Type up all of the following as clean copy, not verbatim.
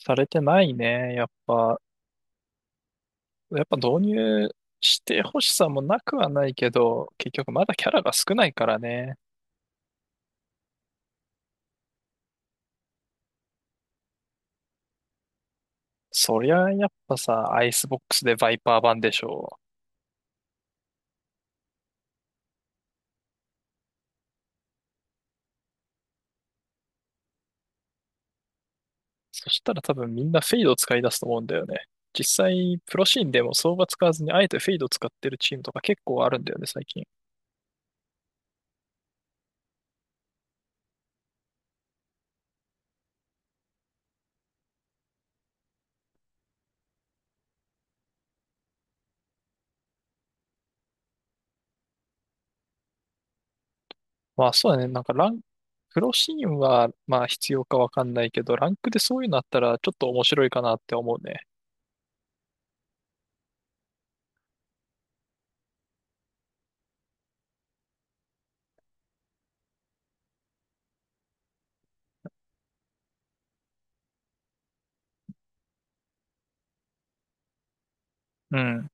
されてないね。やっぱ導入してほしさもなくはないけど、結局まだキャラが少ないからね。そりゃやっぱさ、アイスボックスでバイパー版でしょう。そしたら多分みんなフェイドを使い出すと思うんだよね。実際、プロシーンでも相場使わずにあえてフェイドを使ってるチームとか結構あるんだよね、最近。まあそうだね、なんかラン、プロシーンはまあ必要かわかんないけど、ランクでそういうのあったらちょっと面白いかなって思うね。うん、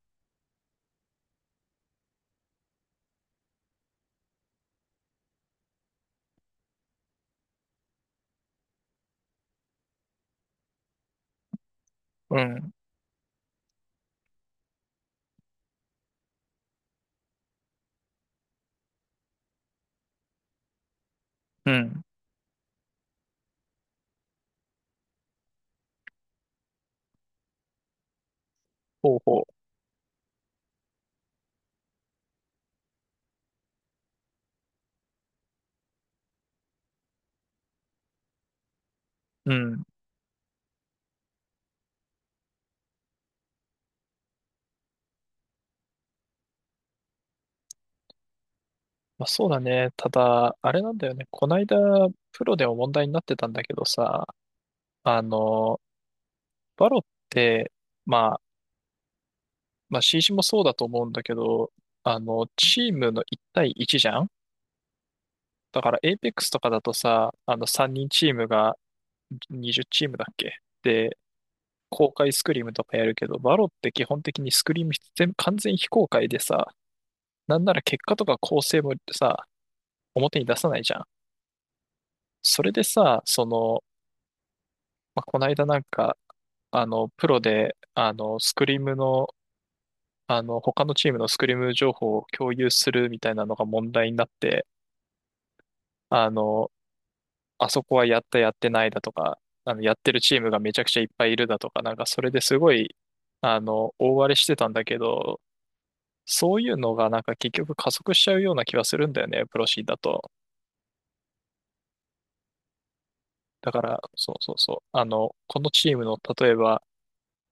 うん、うん、ほうほう。うん、まあ、そうだね。ただ、あれなんだよね。こないだ、プロでも問題になってたんだけどさ、あの、バロって、まあ、まあ、CC もそうだと思うんだけど、チームの1対1じゃん。だから、エイペックスとかだとさ、3人チームが20チームだっけで、公開スクリームとかやるけど、バロって基本的にスクリーム全部完全非公開でさ、なんなら結果とか構成もさ、表に出さないじゃん。それでさ、その、まあ、この間なんか、プロで、スクリームの、他のチームのスクリーム情報を共有するみたいなのが問題になって、あの、あそこはやったやってないだとか、やってるチームがめちゃくちゃいっぱいいるだとか、なんかそれですごい、あの、大荒れしてたんだけど、そういうのがなんか結局加速しちゃうような気はするんだよね、プロシーだと。だから、そうそうそう。このチームの、例えば、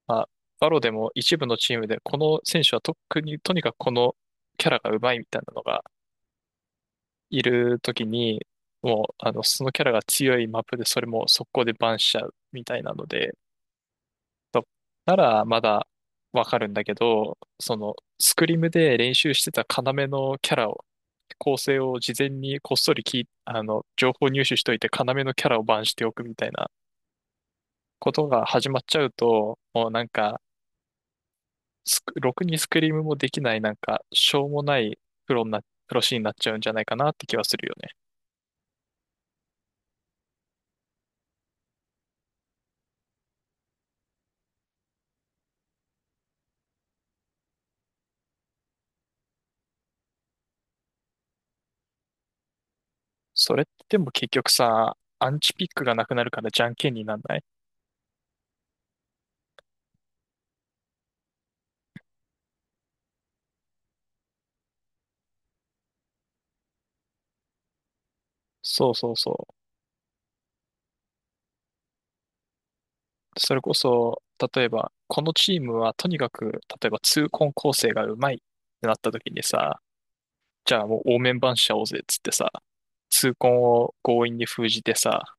まあ、バロでも一部のチームで、この選手は特に、とにかくこのキャラが上手いみたいなのがいるときに、もう、あの、そのキャラが強いマップで、それも速攻でバンしちゃうみたいなので、とならまだわかるんだけど、その、スクリムで練習してた要のキャラを、構成を事前にこっそり聞い、あの、情報入手しといて、要のキャラをバンしておくみたいなことが始まっちゃうと、もうなんか、ろくにスクリームもできない、なんか、しょうもないプロにな、プロシーンになっちゃうんじゃないかなって気はするよね。それってでも結局さ、アンチピックがなくなるからじゃんけんになんない。そうそうそう。それこそ、例えば、このチームはとにかく、例えば、痛恨構成がうまいってなった時にさ、じゃあもう応面番しちゃおうぜっつってさ、痛恨を強引に封じてさ、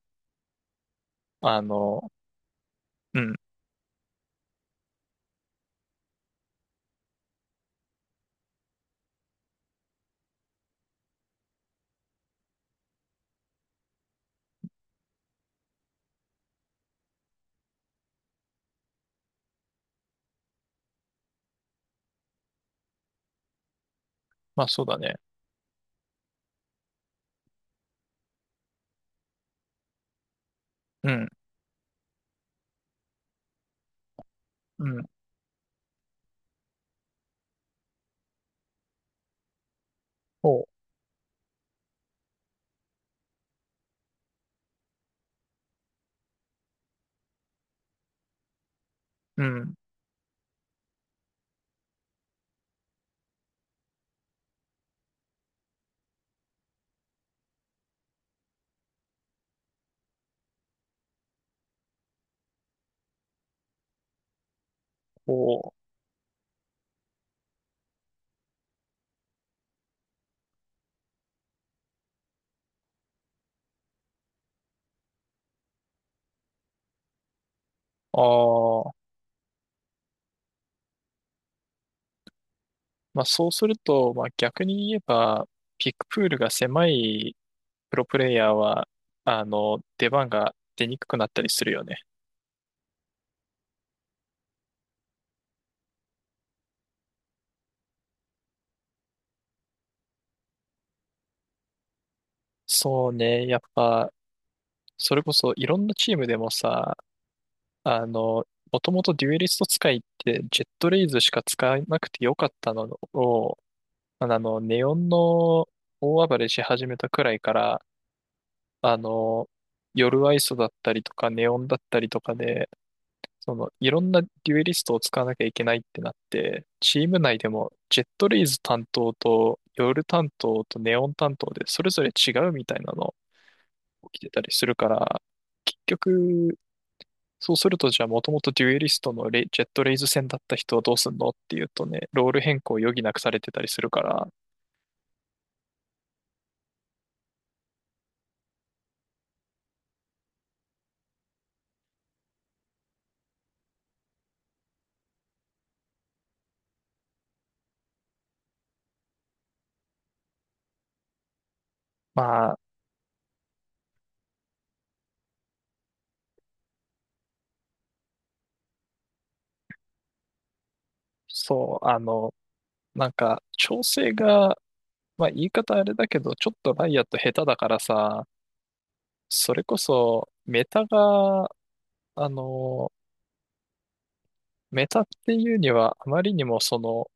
あの、うん、まあそうだね。うん、うん、おう、うん、おう、ああ、まあそうすると、まあ逆に言えば、ピックプールが狭いプロプレイヤーは、出番が出にくくなったりするよね。そうね、やっぱ、それこそいろんなチームでもさ、あの、もともとデュエリスト使いってジェットレイズしか使わなくてよかったのを、ネオンの大暴れし始めたくらいから、あの、夜アイソだったりとかネオンだったりとかで、その、いろんなデュエリストを使わなきゃいけないってなって、チーム内でもジェットレイズ担当とヨル担当とネオン担当でそれぞれ違うみたいなの起きてたりするから、結局、そうするとじゃあもともとデュエリストのレイジェットレイズ戦だった人はどうすんのっていうとね、ロール変更を余儀なくされてたりするから、まあ、そう、あの、なんか調整が、まあ言い方あれだけど、ちょっとライアット下手だからさ、それこそメタがあのメタっていうには、あまりにもその、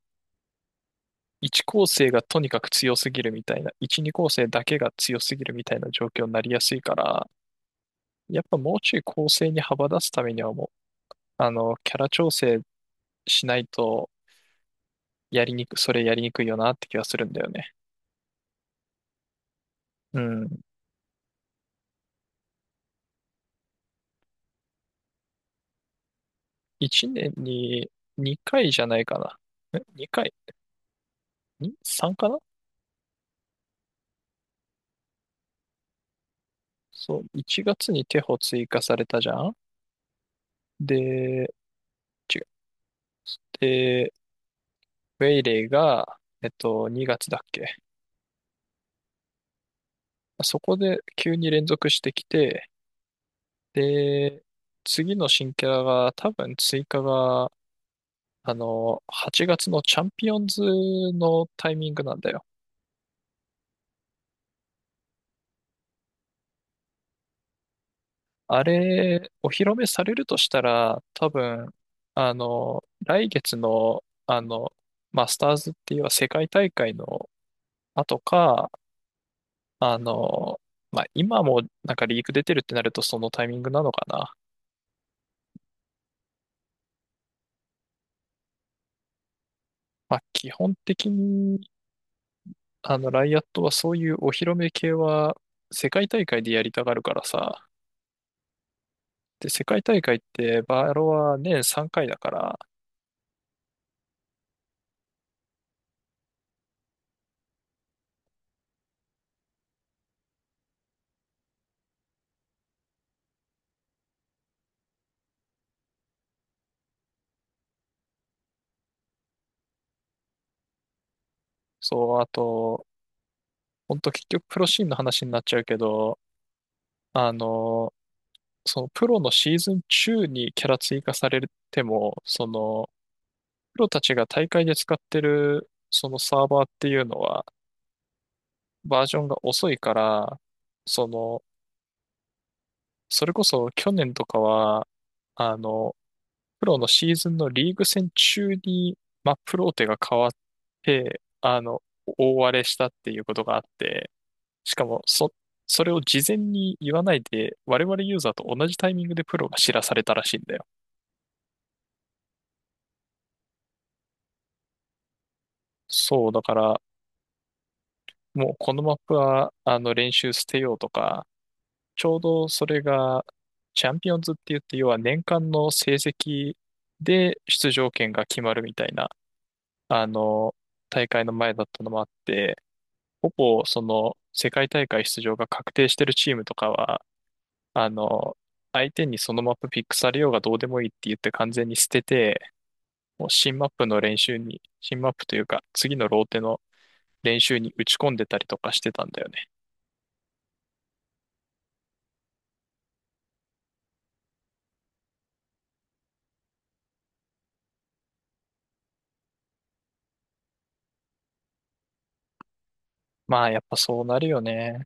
1構成がとにかく強すぎるみたいな、1、2構成だけが強すぎるみたいな状況になりやすいから、やっぱもうちょい構成に幅出すためにはもう、あの、キャラ調整しないと、やりにく、それやりにくいよなって気がするんだよね。うん。1年に2回じゃないかな。え？ 2 回？ 3 かな。そう、1月にテホ追加されたじゃん。で、違う。ウェイレイが、えっと、2月だっけ。そこで急に連続してきて、で、次の新キャラが多分追加が、8月のチャンピオンズのタイミングなんだよ。あれ、お披露目されるとしたら、多分、来月の、マスターズっていう世界大会の後か、あの、まあ、今もなんかリーク出てるってなるとそのタイミングなのかな。まあ、基本的あの、ライアットはそういうお披露目系は世界大会でやりたがるからさ。で、世界大会ってバロは年3回だから、そう、あと、ほんと結局プロシーンの話になっちゃうけど、あの、そのプロのシーズン中にキャラ追加されても、その、プロたちが大会で使ってるそのサーバーっていうのはバージョンが遅いから、その、それこそ去年とかは、あの、プロのシーズンのリーグ戦中に、まあ、プロテが変わって、大荒れしたっていうことがあって、しかも、それを事前に言わないで、我々ユーザーと同じタイミングでプロが知らされたらしいんだよ。そう、だから、もうこのマップは、練習捨てようとか、ちょうどそれが、チャンピオンズって言って、要は年間の成績で出場権が決まるみたいな、あの、大会の前だったのもあって、ほぼその世界大会出場が確定してるチームとかは、あの、相手にそのマップピックされようがどうでもいいって言って完全に捨てて、もう新マップの練習に、新マップというか次のローテの練習に打ち込んでたりとかしてたんだよね。まあやっぱそうなるよね。